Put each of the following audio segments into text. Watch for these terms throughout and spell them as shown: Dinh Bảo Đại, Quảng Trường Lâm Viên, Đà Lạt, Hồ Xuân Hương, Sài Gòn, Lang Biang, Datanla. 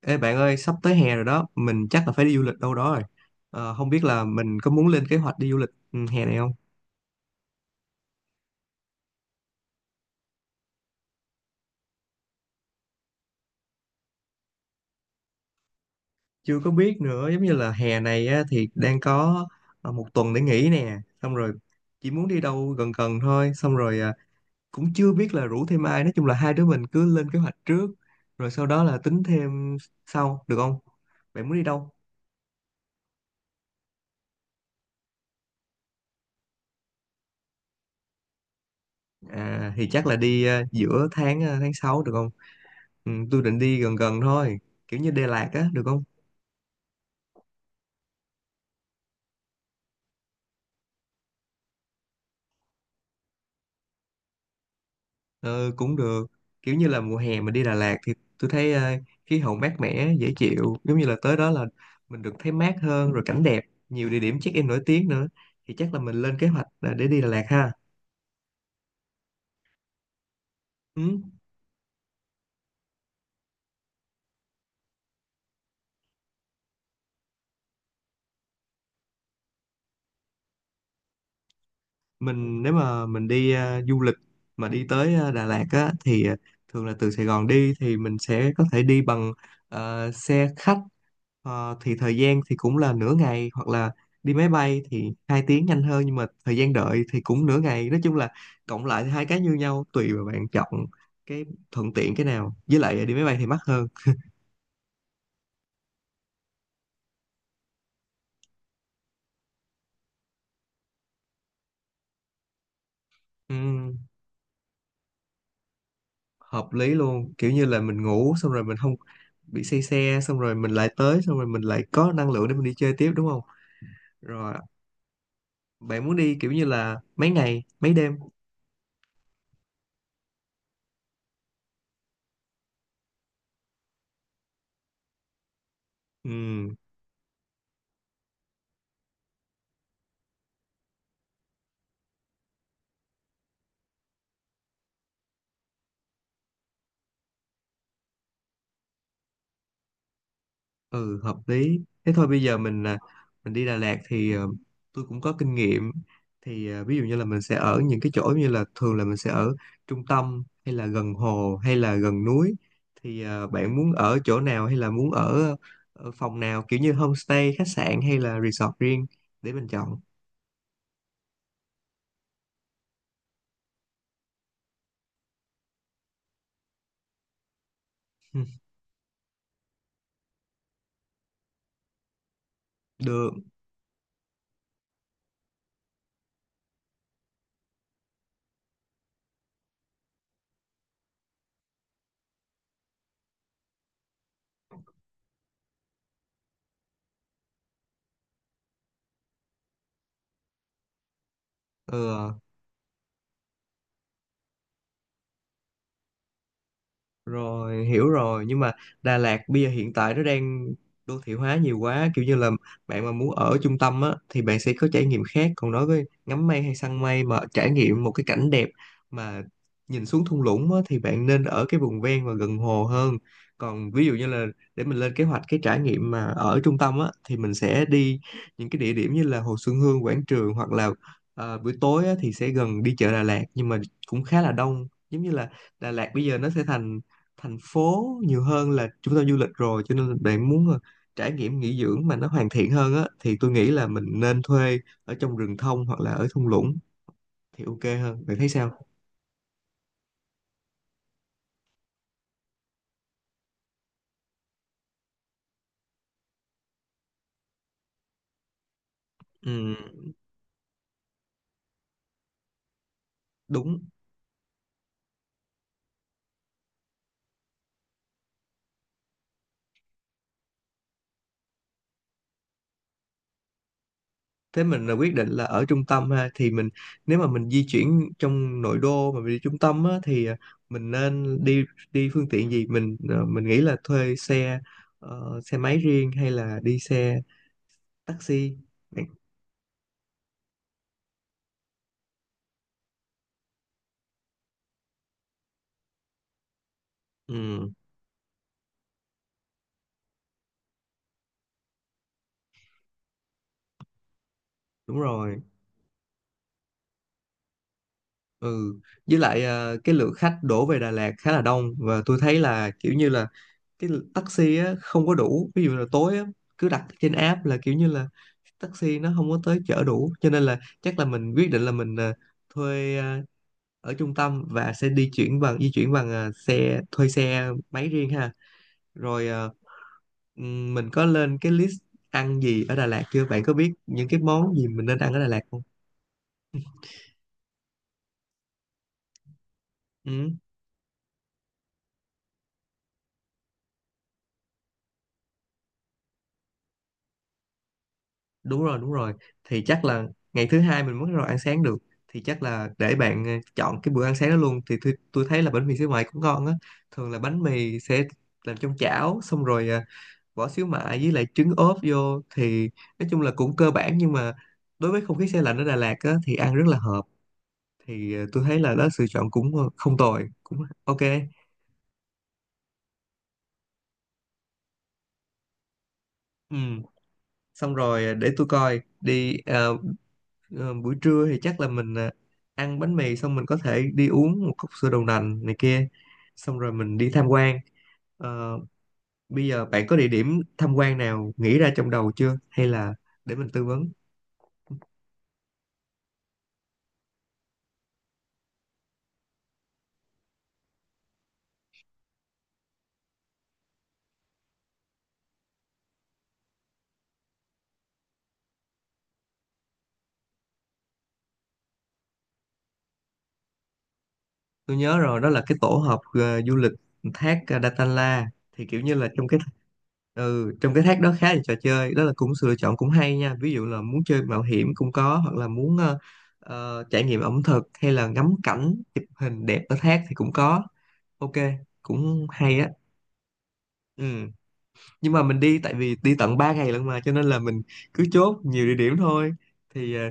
Ê bạn ơi, sắp tới hè rồi đó, mình chắc là phải đi du lịch đâu đó rồi. Không biết là mình có muốn lên kế hoạch đi du lịch hè này không? Chưa có biết nữa, giống như là hè này á, thì đang có một tuần để nghỉ nè, xong rồi chỉ muốn đi đâu gần gần thôi, xong rồi cũng chưa biết là rủ thêm ai, nói chung là hai đứa mình cứ lên kế hoạch trước, rồi sau đó là tính thêm sau, được không? Bạn muốn đi đâu? À, thì chắc là đi giữa tháng 6 được không? Ừ, tôi định đi gần gần thôi, kiểu như Đà Lạt á, được không? Ờ, cũng được, kiểu như là mùa hè mình đi Đà Lạt thì tôi thấy khí hậu mát mẻ dễ chịu, giống như là tới đó là mình được thấy mát hơn, rồi cảnh đẹp, nhiều địa điểm check-in nổi tiếng nữa, thì chắc là mình lên kế hoạch là để đi Đà Lạt ha. Ừ. Mình nếu mà mình đi du lịch mà đi tới Đà Lạt á thì thường là từ Sài Gòn đi thì mình sẽ có thể đi bằng xe khách. Thì thời gian thì cũng là nửa ngày, hoặc là đi máy bay thì 2 tiếng nhanh hơn, nhưng mà thời gian đợi thì cũng nửa ngày, nói chung là cộng lại thì hai cái như nhau, tùy vào bạn chọn cái thuận tiện cái nào, với lại đi máy bay thì mắc hơn. Ừm, Hợp lý luôn, kiểu như là mình ngủ xong rồi mình không bị say xe, xong rồi mình lại tới, xong rồi mình lại có năng lượng để mình đi chơi tiếp, đúng không? Rồi, bạn muốn đi kiểu như là mấy ngày, mấy đêm? Ừ, ừ, hợp lý. Thế thôi, bây giờ mình đi Đà Lạt thì tôi cũng có kinh nghiệm. Thì ví dụ như là mình sẽ ở những cái chỗ như là thường là mình sẽ ở trung tâm hay là gần hồ hay là gần núi. Thì bạn muốn ở chỗ nào, hay là muốn ở phòng nào, kiểu như homestay, khách sạn hay là resort riêng để mình chọn. Ừ, được. Ừ, ờ. Rồi, hiểu rồi, nhưng mà Đà Lạt bây giờ hiện tại nó đang đô thị hóa nhiều quá, kiểu như là bạn mà muốn ở trung tâm á thì bạn sẽ có trải nghiệm khác, còn đối với ngắm mây hay săn mây mà trải nghiệm một cái cảnh đẹp mà nhìn xuống thung lũng á thì bạn nên ở cái vùng ven và gần hồ hơn. Còn ví dụ như là để mình lên kế hoạch cái trải nghiệm mà ở trung tâm á thì mình sẽ đi những cái địa điểm như là Hồ Xuân Hương, Quảng Trường, hoặc là buổi tối á, thì sẽ gần đi chợ Đà Lạt, nhưng mà cũng khá là đông, giống như là Đà Lạt bây giờ nó sẽ thành thành phố nhiều hơn là trung tâm du lịch rồi, cho nên là bạn muốn trải nghiệm nghỉ dưỡng mà nó hoàn thiện hơn á thì tôi nghĩ là mình nên thuê ở trong rừng thông hoặc là ở thung lũng thì ok hơn, bạn thấy sao? Ừ, đúng. Thế mình là quyết định là ở trung tâm ha, thì mình nếu mà mình di chuyển trong nội đô mà mình đi trung tâm á thì mình nên đi đi phương tiện gì, mình nghĩ là thuê xe máy riêng hay là đi xe taxi? Ừ, đúng rồi. Ừ, với lại cái lượng khách đổ về Đà Lạt khá là đông, và tôi thấy là kiểu như là cái taxi á, không có đủ, ví dụ là tối á, cứ đặt trên app là kiểu như là taxi nó không có tới chở đủ, cho nên là chắc là mình quyết định là mình thuê ở trung tâm và sẽ di chuyển bằng xe thuê xe máy riêng ha, rồi mình có lên cái list ăn gì ở Đà Lạt chưa, bạn có biết những cái món gì mình nên ăn ở Đà Lạt không? Ừ. Đúng rồi, đúng rồi, thì chắc là ngày thứ hai mình mới bắt đầu ăn sáng được, thì chắc là để bạn chọn cái bữa ăn sáng đó luôn, thì tôi thấy là bánh mì xíu mại cũng ngon á. Thường là bánh mì sẽ làm trong chảo, xong rồi bỏ xíu mại với lại trứng ốp vô, thì nói chung là cũng cơ bản, nhưng mà đối với không khí xe lạnh ở Đà Lạt á thì ăn rất là hợp. Thì tôi thấy là đó sự chọn cũng không tồi, cũng ok. Ừ, xong rồi để tôi coi đi. Ờ, Buổi trưa thì chắc là ăn bánh mì xong mình có thể đi uống một cốc sữa đậu nành này kia, xong rồi mình đi tham quan. Ờ, Bây giờ bạn có địa điểm tham quan nào nghĩ ra trong đầu chưa, hay là để mình tư vấn? Tôi nhớ rồi, đó là cái tổ hợp du lịch thác Datanla, thì kiểu như là trong cái… Ừ, trong cái thác đó khá là trò chơi, đó là cũng sự lựa chọn cũng hay nha, ví dụ là muốn chơi mạo hiểm cũng có, hoặc là muốn trải nghiệm ẩm thực hay là ngắm cảnh chụp hình đẹp ở thác thì cũng có, ok, cũng hay á. Ừ. Nhưng mà mình đi, tại vì đi tận 3 ngày lận mà, cho nên là mình cứ chốt nhiều địa điểm thôi, thì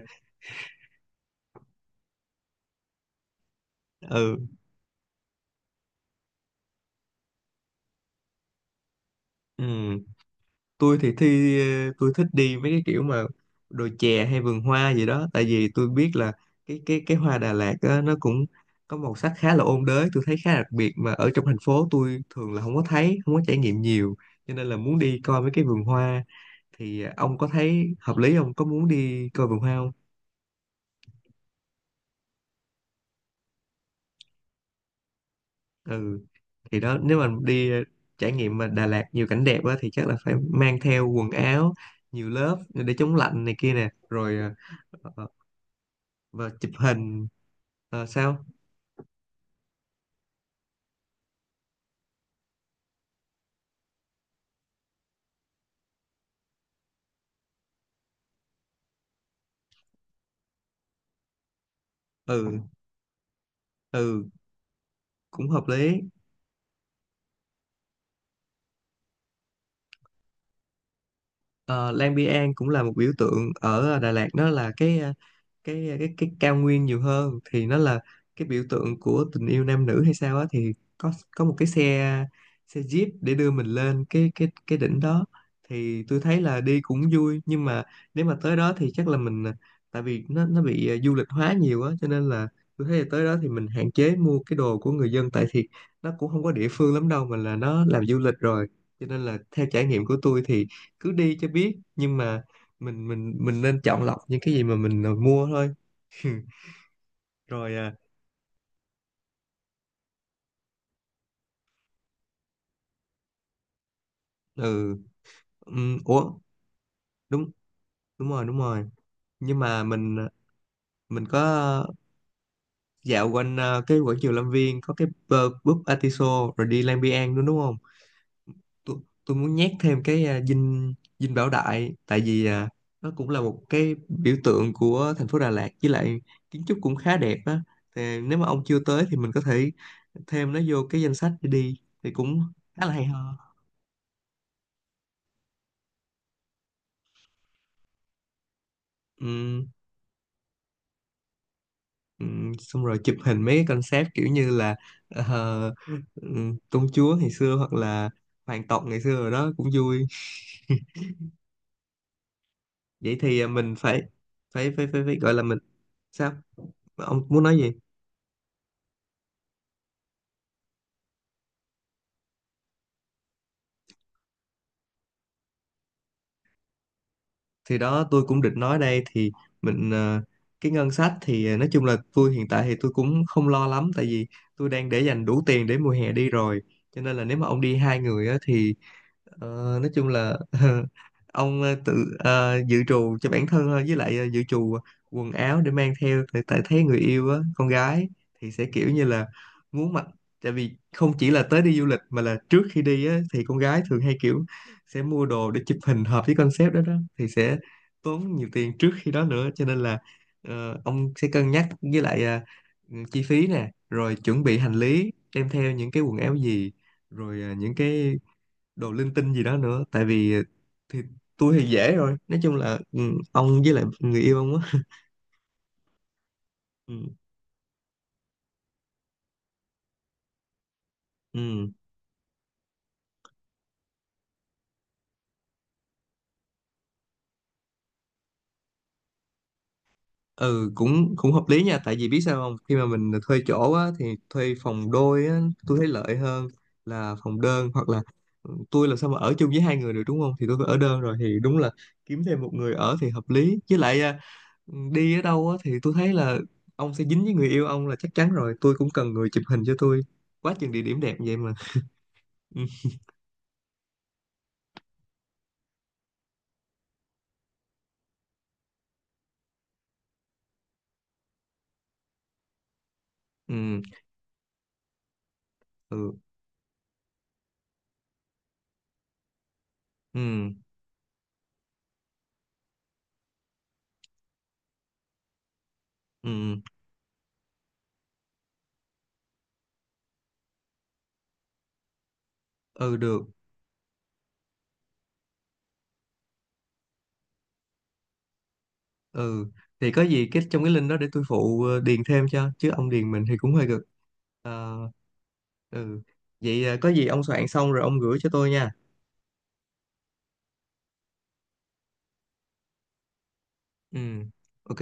ừ, ừ. Tôi thì thi ờ, tôi thích đi mấy cái kiểu mà đồi chè hay vườn hoa gì đó, tại vì tôi biết là cái hoa Đà Lạt á, nó cũng có màu sắc khá là ôn đới, tôi thấy khá là đặc biệt mà ở trong thành phố tôi thường là không có thấy, không có trải nghiệm nhiều, cho nên là muốn đi coi mấy cái vườn hoa. Thì ông có thấy hợp lý không, có muốn đi coi vườn hoa không? Ừ. Thì đó, nếu mà đi trải nghiệm mà Đà Lạt nhiều cảnh đẹp á thì chắc là phải mang theo quần áo nhiều lớp để chống lạnh này kia nè, rồi ờ, và chụp hình. Ờ, sao? Ừ, ừ, cũng hợp lý. Ờ, Lang Biang cũng là một biểu tượng ở Đà Lạt, đó là cái ờ, cái cao nguyên nhiều hơn thì nó là cái biểu tượng của tình yêu nam nữ hay sao á, thì có một cái xe xe jeep để đưa mình lên cái đỉnh đó, thì tôi thấy là đi cũng vui, nhưng mà nếu mà tới đó thì chắc là mình, tại vì nó bị du lịch hóa nhiều á, cho nên là tôi thấy là tới đó thì mình hạn chế mua cái đồ của người dân tại, thì nó cũng không có địa phương lắm đâu mà là nó làm du lịch rồi, cho nên là theo trải nghiệm của tôi thì cứ đi cho biết, nhưng mà mình nên chọn lọc những cái gì mà mua thôi. Rồi ừ. Ủa, đúng, đúng rồi, đúng rồi. Nhưng mà mình có dạo quanh cái quảng trường Lâm Viên, có cái búp Atiso, rồi đi Lang Biang nữa đúng không? Tôi tôi muốn nhét thêm cái dinh dinh Bảo Đại, tại vì nó cũng là một cái biểu tượng của thành phố Đà Lạt, với lại kiến trúc cũng khá đẹp á, thì nếu mà ông chưa tới thì mình có thể thêm nó vô cái danh sách để đi, thì cũng khá là hay ho. Ừ. Ừ, xong rồi chụp hình mấy cái concept kiểu như là ờ, ừ, công chúa ngày xưa, hoặc là hoàng tộc ngày xưa rồi đó, cũng vui. Vậy thì mình phải phải phải phải, phải gọi là mình… Sao, ông muốn nói gì? Thì đó, tôi cũng định nói đây, thì mình cái ngân sách thì nói chung là tôi hiện tại thì tôi cũng không lo lắm, tại vì tôi đang để dành đủ tiền để mùa hè đi rồi, cho nên là nếu mà ông đi hai người á thì ờ, nói chung là ông tự dự trù cho bản thân thôi, với lại dự trù quần áo để mang theo. Tại tại thấy người yêu á, con gái thì sẽ kiểu như là muốn mặc, tại vì không chỉ là tới đi du lịch mà là trước khi đi á, thì con gái thường hay kiểu sẽ mua đồ để chụp hình hợp với concept đó đó, thì sẽ tốn nhiều tiền trước khi đó nữa, cho nên là ông sẽ cân nhắc với lại chi phí nè, rồi chuẩn bị hành lý đem theo những cái quần áo gì, rồi những cái đồ linh tinh gì đó nữa, tại vì thì tôi thì dễ rồi, nói chung là ông với lại người yêu ông á. Ừ, ừ. Ừ, cũng cũng hợp lý nha, tại vì biết sao không, khi mà mình thuê chỗ á thì thuê phòng đôi á tôi thấy lợi hơn là phòng đơn, hoặc là tôi làm sao mà ở chung với hai người được đúng không, thì tôi phải ở đơn rồi, thì đúng là kiếm thêm một người ở thì hợp lý, với lại đi ở đâu á thì tôi thấy là ông sẽ dính với người yêu ông là chắc chắn rồi, tôi cũng cần người chụp hình cho tôi, quá chừng địa điểm đẹp vậy mà. Ừ, ừ, ừ, ừ, ừ. Ừ, được. Ừ, thì có gì cái trong cái link đó để tôi phụ điền thêm cho, chứ ông điền mình thì cũng hơi gần. Ờ, ừ. Vậy có gì ông soạn xong rồi ông gửi cho tôi nha. Ừ. Ok.